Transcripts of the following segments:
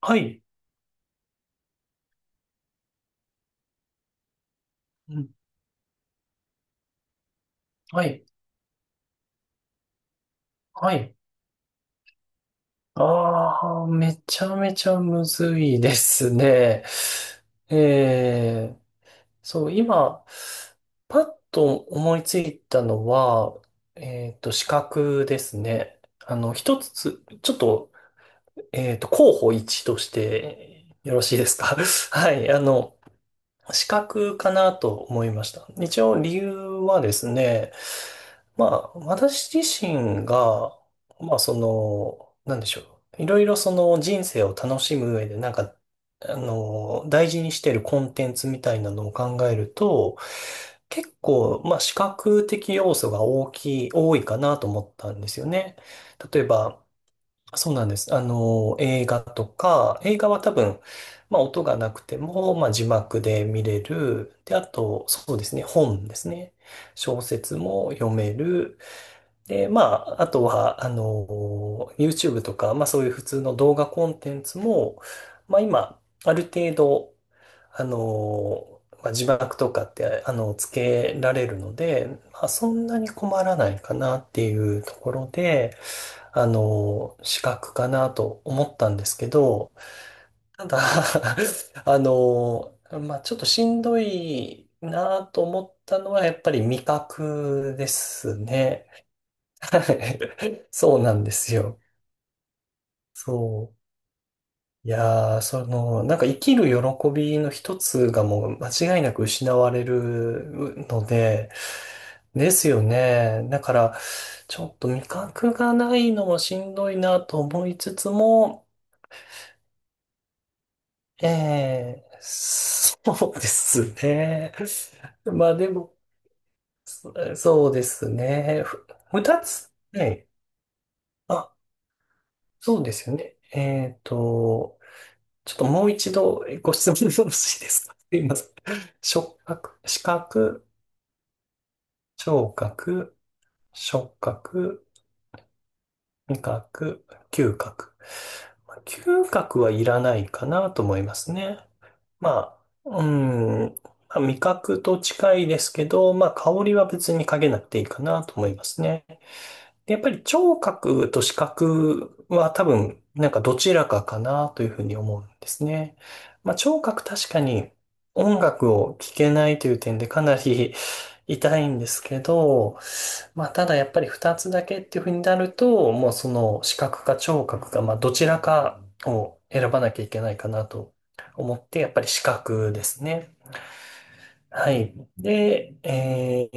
はい。うん。はい。はい。ああ、めちゃめちゃむずいですね。えー、そう、今、パッと思いついたのは、資格ですね。あの、一つ、ちょっと、候補一としてよろしいですか？ はい。あの、資格かなと思いました。一応理由はですね、まあ、私自身が、まあ、その、なんでしょう。いろいろその人生を楽しむ上で、なんか、あの、大事にしてるコンテンツみたいなのを考えると、結構、まあ、視覚的要素が大きい、多いかなと思ったんですよね。例えば、そうなんです。あの、映画とか、映画は多分、まあ音がなくても、まあ字幕で見れる。で、あと、そうですね、本ですね。小説も読める。で、まあ、あとは、あの、YouTube とか、まあそういう普通の動画コンテンツも、まあ今、ある程度、あの、まあ、字幕とかって、あの、つけられるので、まあそんなに困らないかなっていうところで、あの、資格かなと思ったんですけど、ただ あの、まあ、ちょっとしんどいなと思ったのは、やっぱり味覚ですね。はい、そうなんですよ。そう。いやー、その、なんか生きる喜びの一つがもう間違いなく失われるので、ですよね。だから、ちょっと味覚がないのもしんどいなと思いつつも、ええ、そうですね。まあでも、え、そうですね、まあでもそうですね、ふ、二つ。はい。あ、そうですよね。ちょっともう一度ご質問よろしいですか？すいません。触覚、視覚、聴覚、触覚、味覚、嗅覚。まあ嗅覚はいらないかなと思いますね。まあ、うん、まあ味覚と近いですけど、まあ香りは別にかけなくていいかなと思いますね。で、やっぱり聴覚と視覚は多分なんかどちらかかなというふうに思うんですね。まあ聴覚確かに音楽を聴けないという点でかなり痛いんですけど、まあ、ただやっぱり二つだけっていうふうになると、もうその視覚か聴覚か、まあ、どちらかを選ばなきゃいけないかなと思って、やっぱり視覚ですね。はい。で、え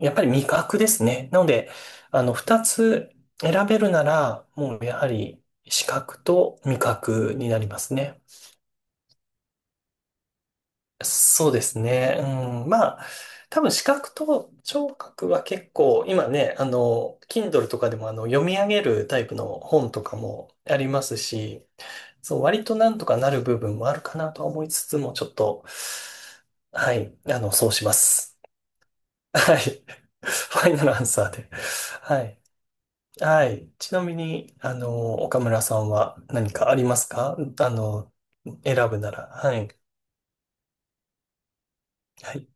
ー、やっぱり味覚ですね。なので、あの、二つ選べるなら、もうやはり視覚と味覚になりますね。そうですね。うん、まあ、多分視覚と聴覚は結構、今ね、あの、Kindle とかでもあの読み上げるタイプの本とかもありますし、そう、割となんとかなる部分もあるかなとは思いつつも、ちょっと、はい、あの、そうします。はい。ファイナルアンサーで。はい。はい。ちなみに、あの、岡村さんは何かありますか？あの、選ぶなら。はい。はい、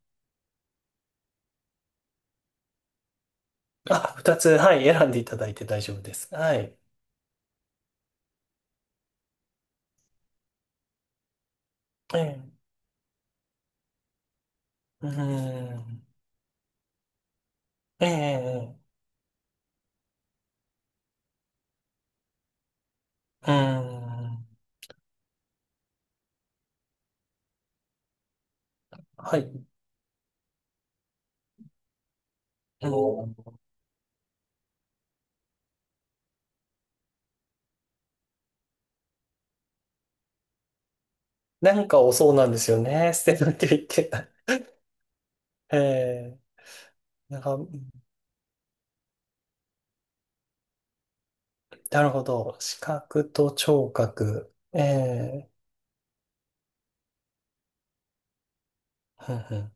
あ、二つ、はい、選んでいただいて大丈夫です。はい。ええ、うーん、ええ、うーん、はい。うん、なんかを、そうなんですよね。捨てなきゃいけない。ええ、なんか、なるほど。視覚と聴覚。ええ、ふんふん、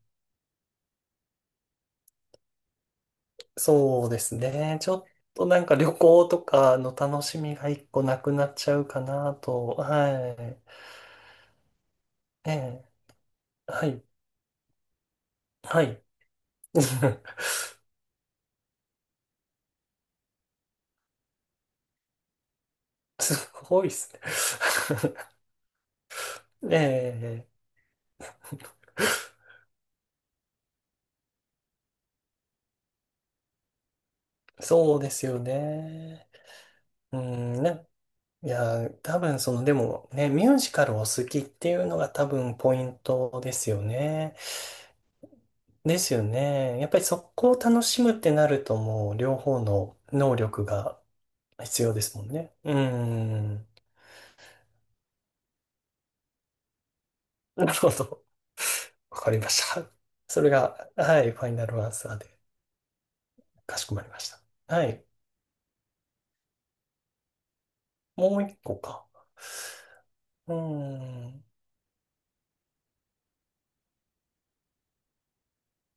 そうですね。ちょっとなんか旅行とかの楽しみが一個なくなっちゃうかなと。はい。ええ、はい、はい。すごいっすね。ええ、そうですよね。うん、ね。いや、多分その、でもね、ミュージカルを好きっていうのが多分ポイントですよね。ですよね。やっぱりそこを楽しむってなるともう両方の能力が必要ですもんね。うん。なるほど。わかりました。それが、はい、ファイナルアンサーで、かしこまりました。はい。もう一個か。うん。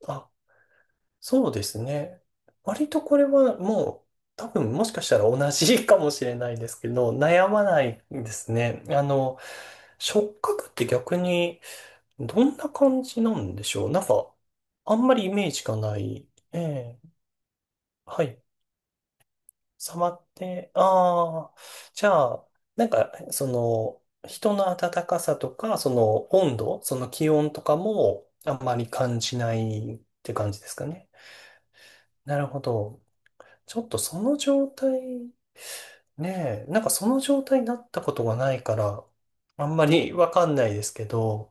あ、そうですね。割とこれはもう多分もしかしたら同じかもしれないですけど、悩まないですね。あの、触覚って逆にどんな感じなんでしょう？なんか、あんまりイメージがない。ええ、はい。触って、ああ、じゃあ、なんか、その、人の温かさとか、その温度、その気温とかもあんまり感じないって感じですかね。なるほど。ちょっとその状態、ねえ、なんかその状態になったことがないから、あんまりわかんないですけど、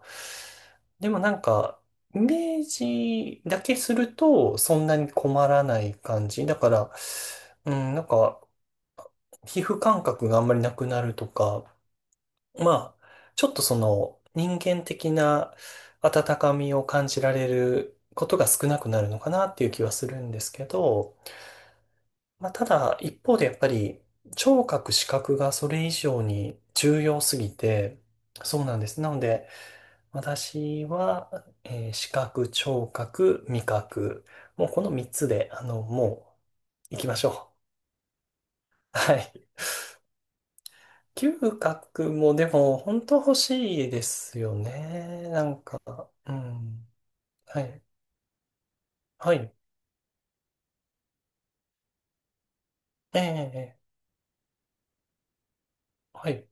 でもなんか、イメージだけすると、そんなに困らない感じ。だから、うん、なんか、皮膚感覚があんまりなくなるとか、まあ、ちょっとその、人間的な温かみを感じられることが少なくなるのかなっていう気はするんですけど、まあ、ただ、一方でやっぱり、聴覚、視覚がそれ以上に重要すぎて、そうなんです。なので、私は、視覚、聴覚、味覚、もうこの3つで、あの、もう、行きましょう。はい。嗅覚もでも、本当欲しいですよね。なんか、うん。はい。はい。ええ、ええ、はい。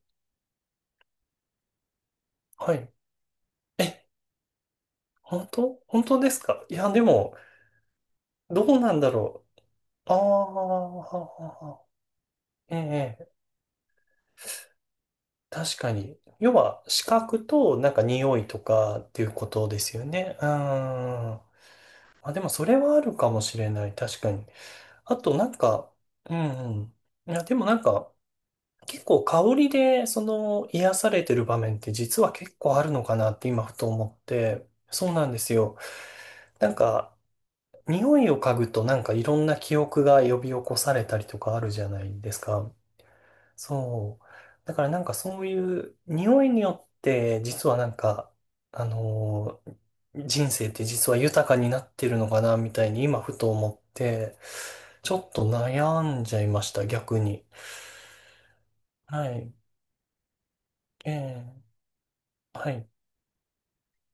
はい。え、本当、本当ですか？いや、でも、どうなんだろう。ああ、ははは。ええ、確かに。要は、視覚と、なんか匂いとかっていうことですよね。うん。あ、でも、それはあるかもしれない。確かに。あと、なんか、うんうん。いや、でもなんか、結構香りで、その、癒されてる場面って実は結構あるのかなって今、ふと思って。そうなんですよ。なんか、匂いを嗅ぐと、なんかいろんな記憶が呼び起こされたりとかあるじゃないですか。そう。だからなんかそういう匂いによって実はなんか、あのー人生って実は豊かになってるのかなみたいに今ふと思って、ちょっと悩んじゃいました、逆に。はい。ええ、はい。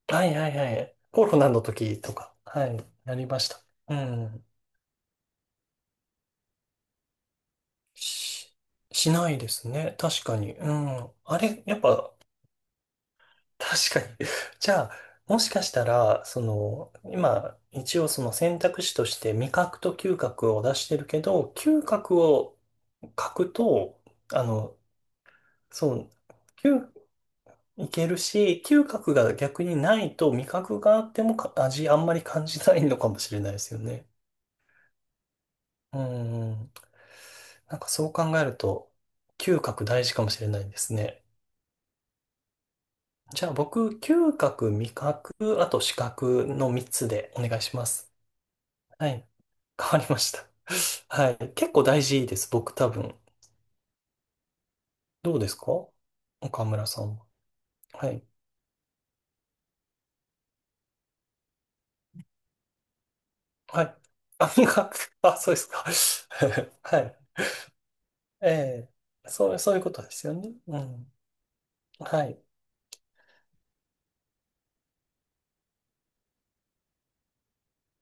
はいはいはい。コロナの時とか、はい、なりました。うん。し、しないですね。確かに。うん。あれ、やっぱ確かに。じゃあ、もしかしたら、その、今、一応その選択肢として味覚と嗅覚を出してるけど、嗅覚を書くと、あの、そう、嗅、いけるし、嗅覚が逆にないと味覚があっても、か、味あんまり感じないのかもしれないですよね。うん。なんかそう考えると、嗅覚大事かもしれないですね。じゃあ僕、嗅覚、味覚、あと視覚の3つでお願いします。はい。変わりました。はい。結構大事です、僕多分。どうですか？岡村さんは。はい。はい。あ、なんか、あ、そうですか？はい。ええ。そう、そういうことですよね。うん。はい。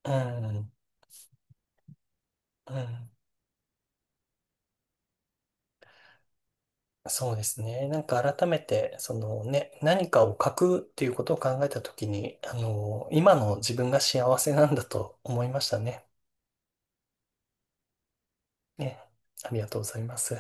うん。うん。そうですね。なんか改めて、そのね、何かを書くっていうことを考えたときに、あの、今の自分が幸せなんだと思いましたね。ね。ありがとうございます。